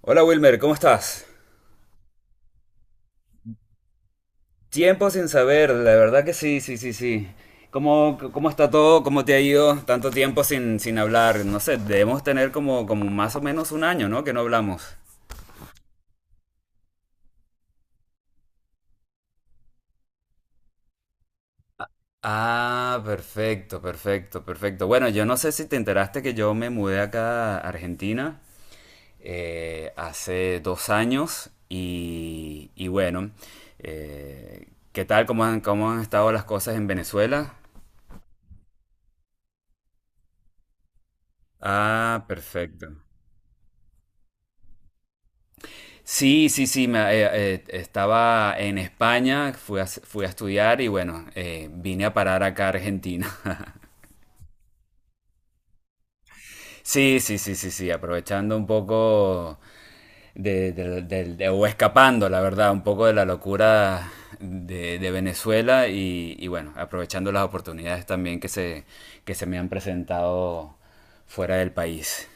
Hola Wilmer, ¿cómo estás? Tiempo sin saber, la verdad que sí, sí, sí, sí. ¿Cómo está todo? ¿Cómo te ha ido tanto tiempo sin hablar? No sé, debemos tener como más o menos un año, ¿no? Que no hablamos. Ah, perfecto, perfecto, perfecto. Bueno, yo no sé si te enteraste que yo me mudé acá a Argentina hace dos años y bueno, eh, ¿qué tal? ¿Cómo han estado las cosas en Venezuela? Ah, perfecto. Sí, sí, sí, estaba en España, fui a estudiar y bueno, vine a parar acá a Argentina. Sí, sí, sí, sí, sí, aprovechando un poco o escapando, la verdad, un poco de la locura de Venezuela y bueno, aprovechando las oportunidades también que se me han presentado fuera del país.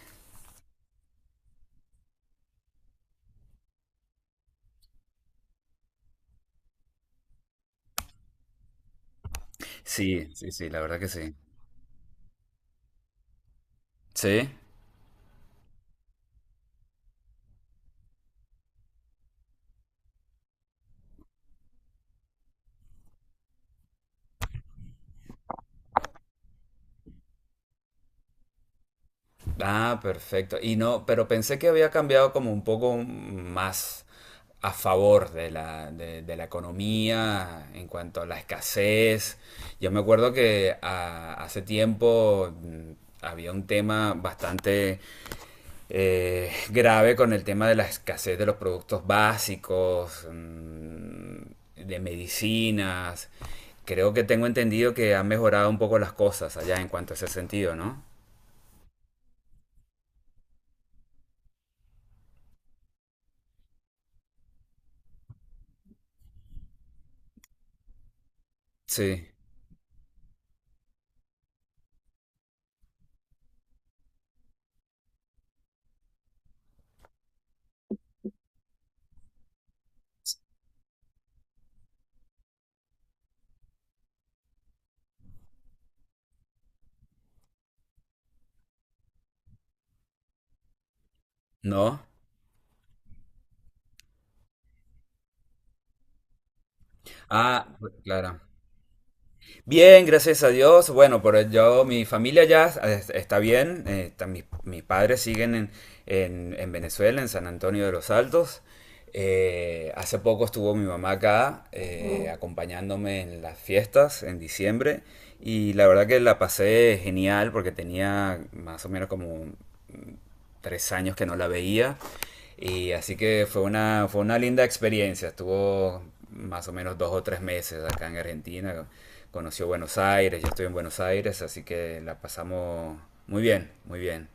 Sí, sí, sí, la verdad que sí. Sí. Ah, perfecto. Y no, pero pensé que había cambiado como un poco más a favor de de la economía en cuanto a la escasez. Yo me acuerdo que hace tiempo había un tema bastante grave con el tema de la escasez de los productos básicos, de medicinas. Creo que tengo entendido que han mejorado un poco las cosas allá en cuanto a ese sentido, ¿no? Sí. ¿No? Ah, claro. Bien, gracias a Dios. Bueno, pero yo, mi familia está bien. Mis padres siguen en Venezuela, en San Antonio de los Altos. Hace poco estuvo mi mamá acá acompañándome en las fiestas en diciembre y la verdad que la pasé genial porque tenía más o menos como tres años que no la veía. Y así que fue una linda experiencia. Estuvo más o menos dos o tres meses acá en Argentina. Conoció Buenos Aires, yo estoy en Buenos Aires, así que la pasamos muy bien, muy bien.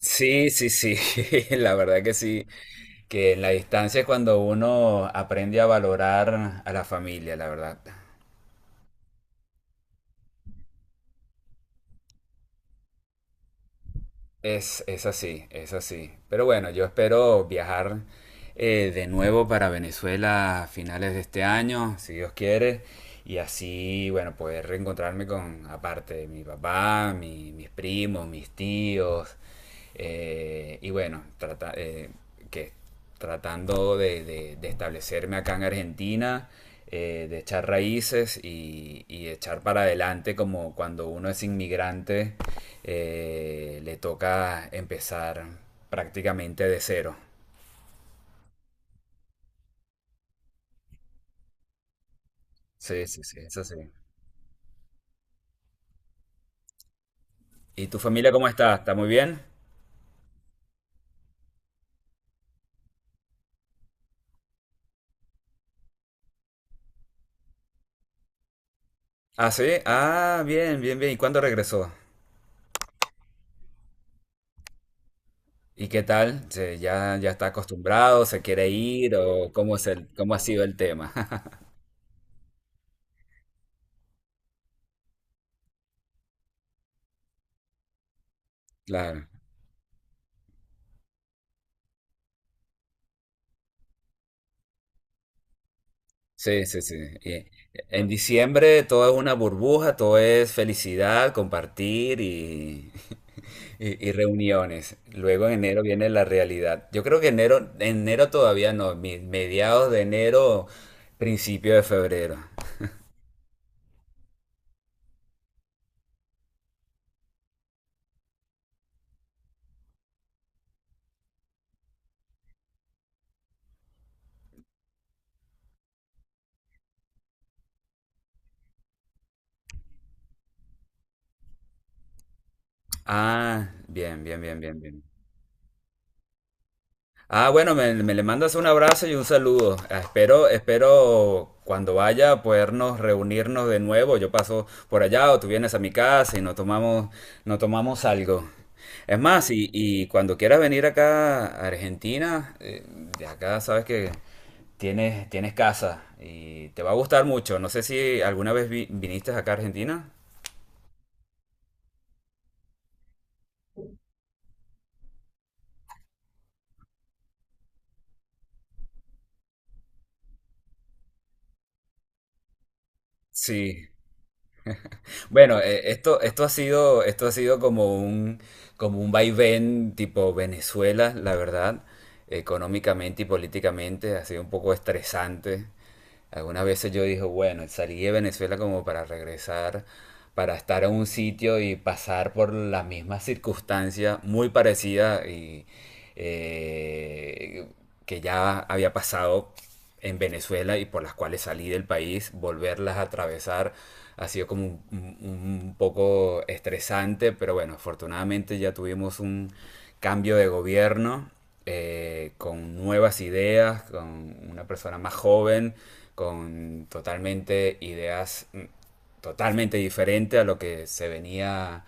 Sí, sí, sí, la verdad que sí, que en la distancia es cuando uno aprende a valorar a la familia, la verdad. Es así, es así. Pero bueno, yo espero viajar de nuevo para Venezuela a finales de este año, si Dios quiere, y así, bueno, poder reencontrarme con, aparte de mi papá, mis primos, mis tíos, eh, y bueno, trata, eh, que tratando de, de establecerme acá en Argentina, de echar raíces y echar para adelante como cuando uno es inmigrante, le toca empezar prácticamente de cero. Sí, sí, sí, eso sí. ¿Y tu familia cómo está? ¿Está muy bien? Ah, sí. Ah, bien, bien, bien. ¿Y cuándo regresó? ¿Y qué tal? ¿Ya está acostumbrado? ¿Se quiere ir? ¿O cómo es cómo ha sido el tema? Claro, sí, sí, sí. Y en diciembre todo es una burbuja, todo es felicidad, y reuniones. Luego en enero viene la realidad. Yo creo que enero todavía no, mediados de enero, principio de febrero. Ah, bien, bien, bien, bien, bien. Ah, bueno, me le mandas un abrazo y un saludo. Ah, espero, espero cuando vaya a podernos reunirnos de nuevo. Yo paso por allá o tú vienes a mi casa y no tomamos algo. Es más, y cuando quieras venir acá a Argentina, de acá sabes que tienes casa y te va a gustar mucho. No sé si alguna vez viniste acá a Argentina. Sí. Bueno, esto ha sido como como un vaivén tipo Venezuela, la verdad, económicamente y políticamente, ha sido un poco estresante algunas veces. Yo dije, bueno, salí de Venezuela como para regresar, para estar en un sitio y pasar por las mismas circunstancias muy parecidas y eh, que ya había pasado en Venezuela y por las cuales salí del país. Volverlas a atravesar ha sido como un poco estresante, pero bueno, afortunadamente ya tuvimos un cambio de gobierno con nuevas ideas, con una persona más joven con totalmente ideas totalmente diferentes a lo que se venía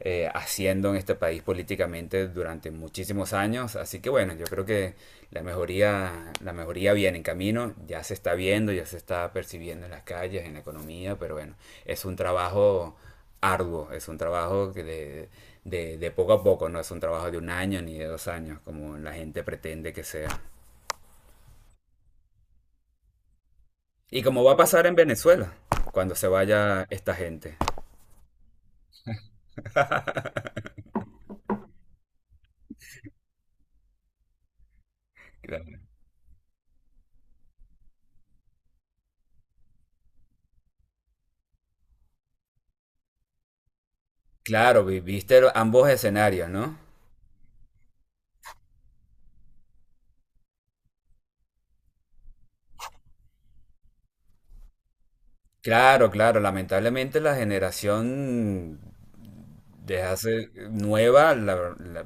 haciendo en este país políticamente durante muchísimos años. Así que bueno, yo creo que la mejoría viene en camino, ya se está viendo, ya se está percibiendo en las calles, en la economía, pero bueno, es un trabajo arduo, es un trabajo de poco a poco, no es un trabajo de un año ni de dos años, como la gente pretende que sea. Y como va a pasar en Venezuela, cuando se vaya esta gente. Claro. Claro, viste ambos escenarios, ¿no? Claro, claro, lamentablemente la generación de hace nueva,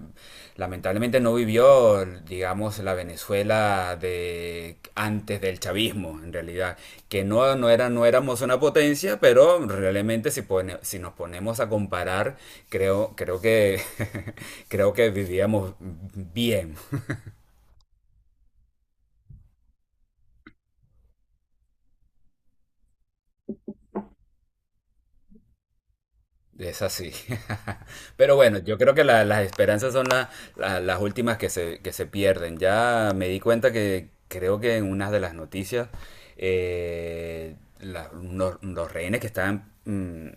lamentablemente no vivió, digamos, la Venezuela de antes del chavismo, en realidad, que no, no era, no éramos una potencia, pero realmente si, si nos ponemos a comparar, creo que, creo que vivíamos bien. Es así. Pero bueno, yo creo que las esperanzas son las últimas que se pierden. Ya me di cuenta que creo que en una de las noticias, los rehenes que estaban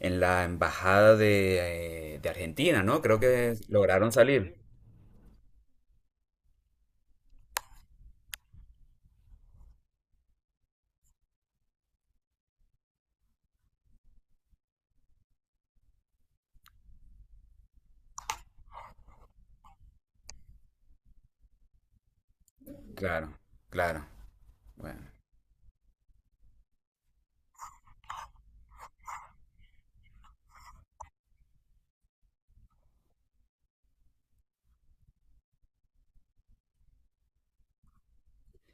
en la embajada de Argentina, ¿no? Creo que lograron salir. Claro, claro. Bueno.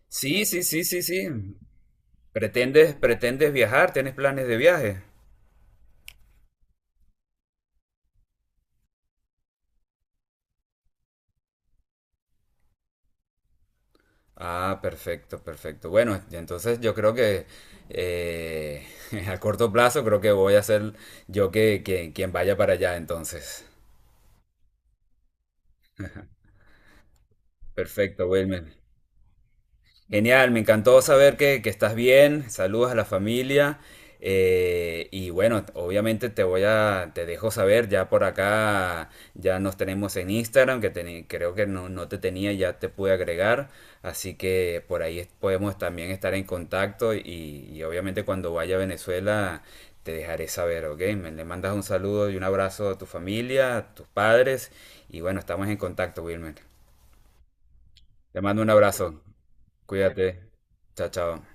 Sí, sí, sí, sí, sí. ¿Pretendes viajar? ¿Tienes planes de viaje? Ah, perfecto, perfecto. Bueno, y entonces yo creo que eh, a corto plazo creo que voy a ser yo quien vaya para allá entonces. Perfecto, Wilmer. Genial, me encantó saber que estás bien. Saludos a la familia. Y bueno, obviamente te dejo saber, ya por acá ya nos tenemos en Instagram, creo que no, no te tenía, ya te pude agregar. Así que por ahí podemos también estar en contacto y obviamente cuando vaya a Venezuela te dejaré saber, ¿ok? Me le mandas un saludo y un abrazo a tu familia, a tus padres. Y bueno, estamos en contacto, Wilmer. Te mando un abrazo. Cuídate. Chao, chao.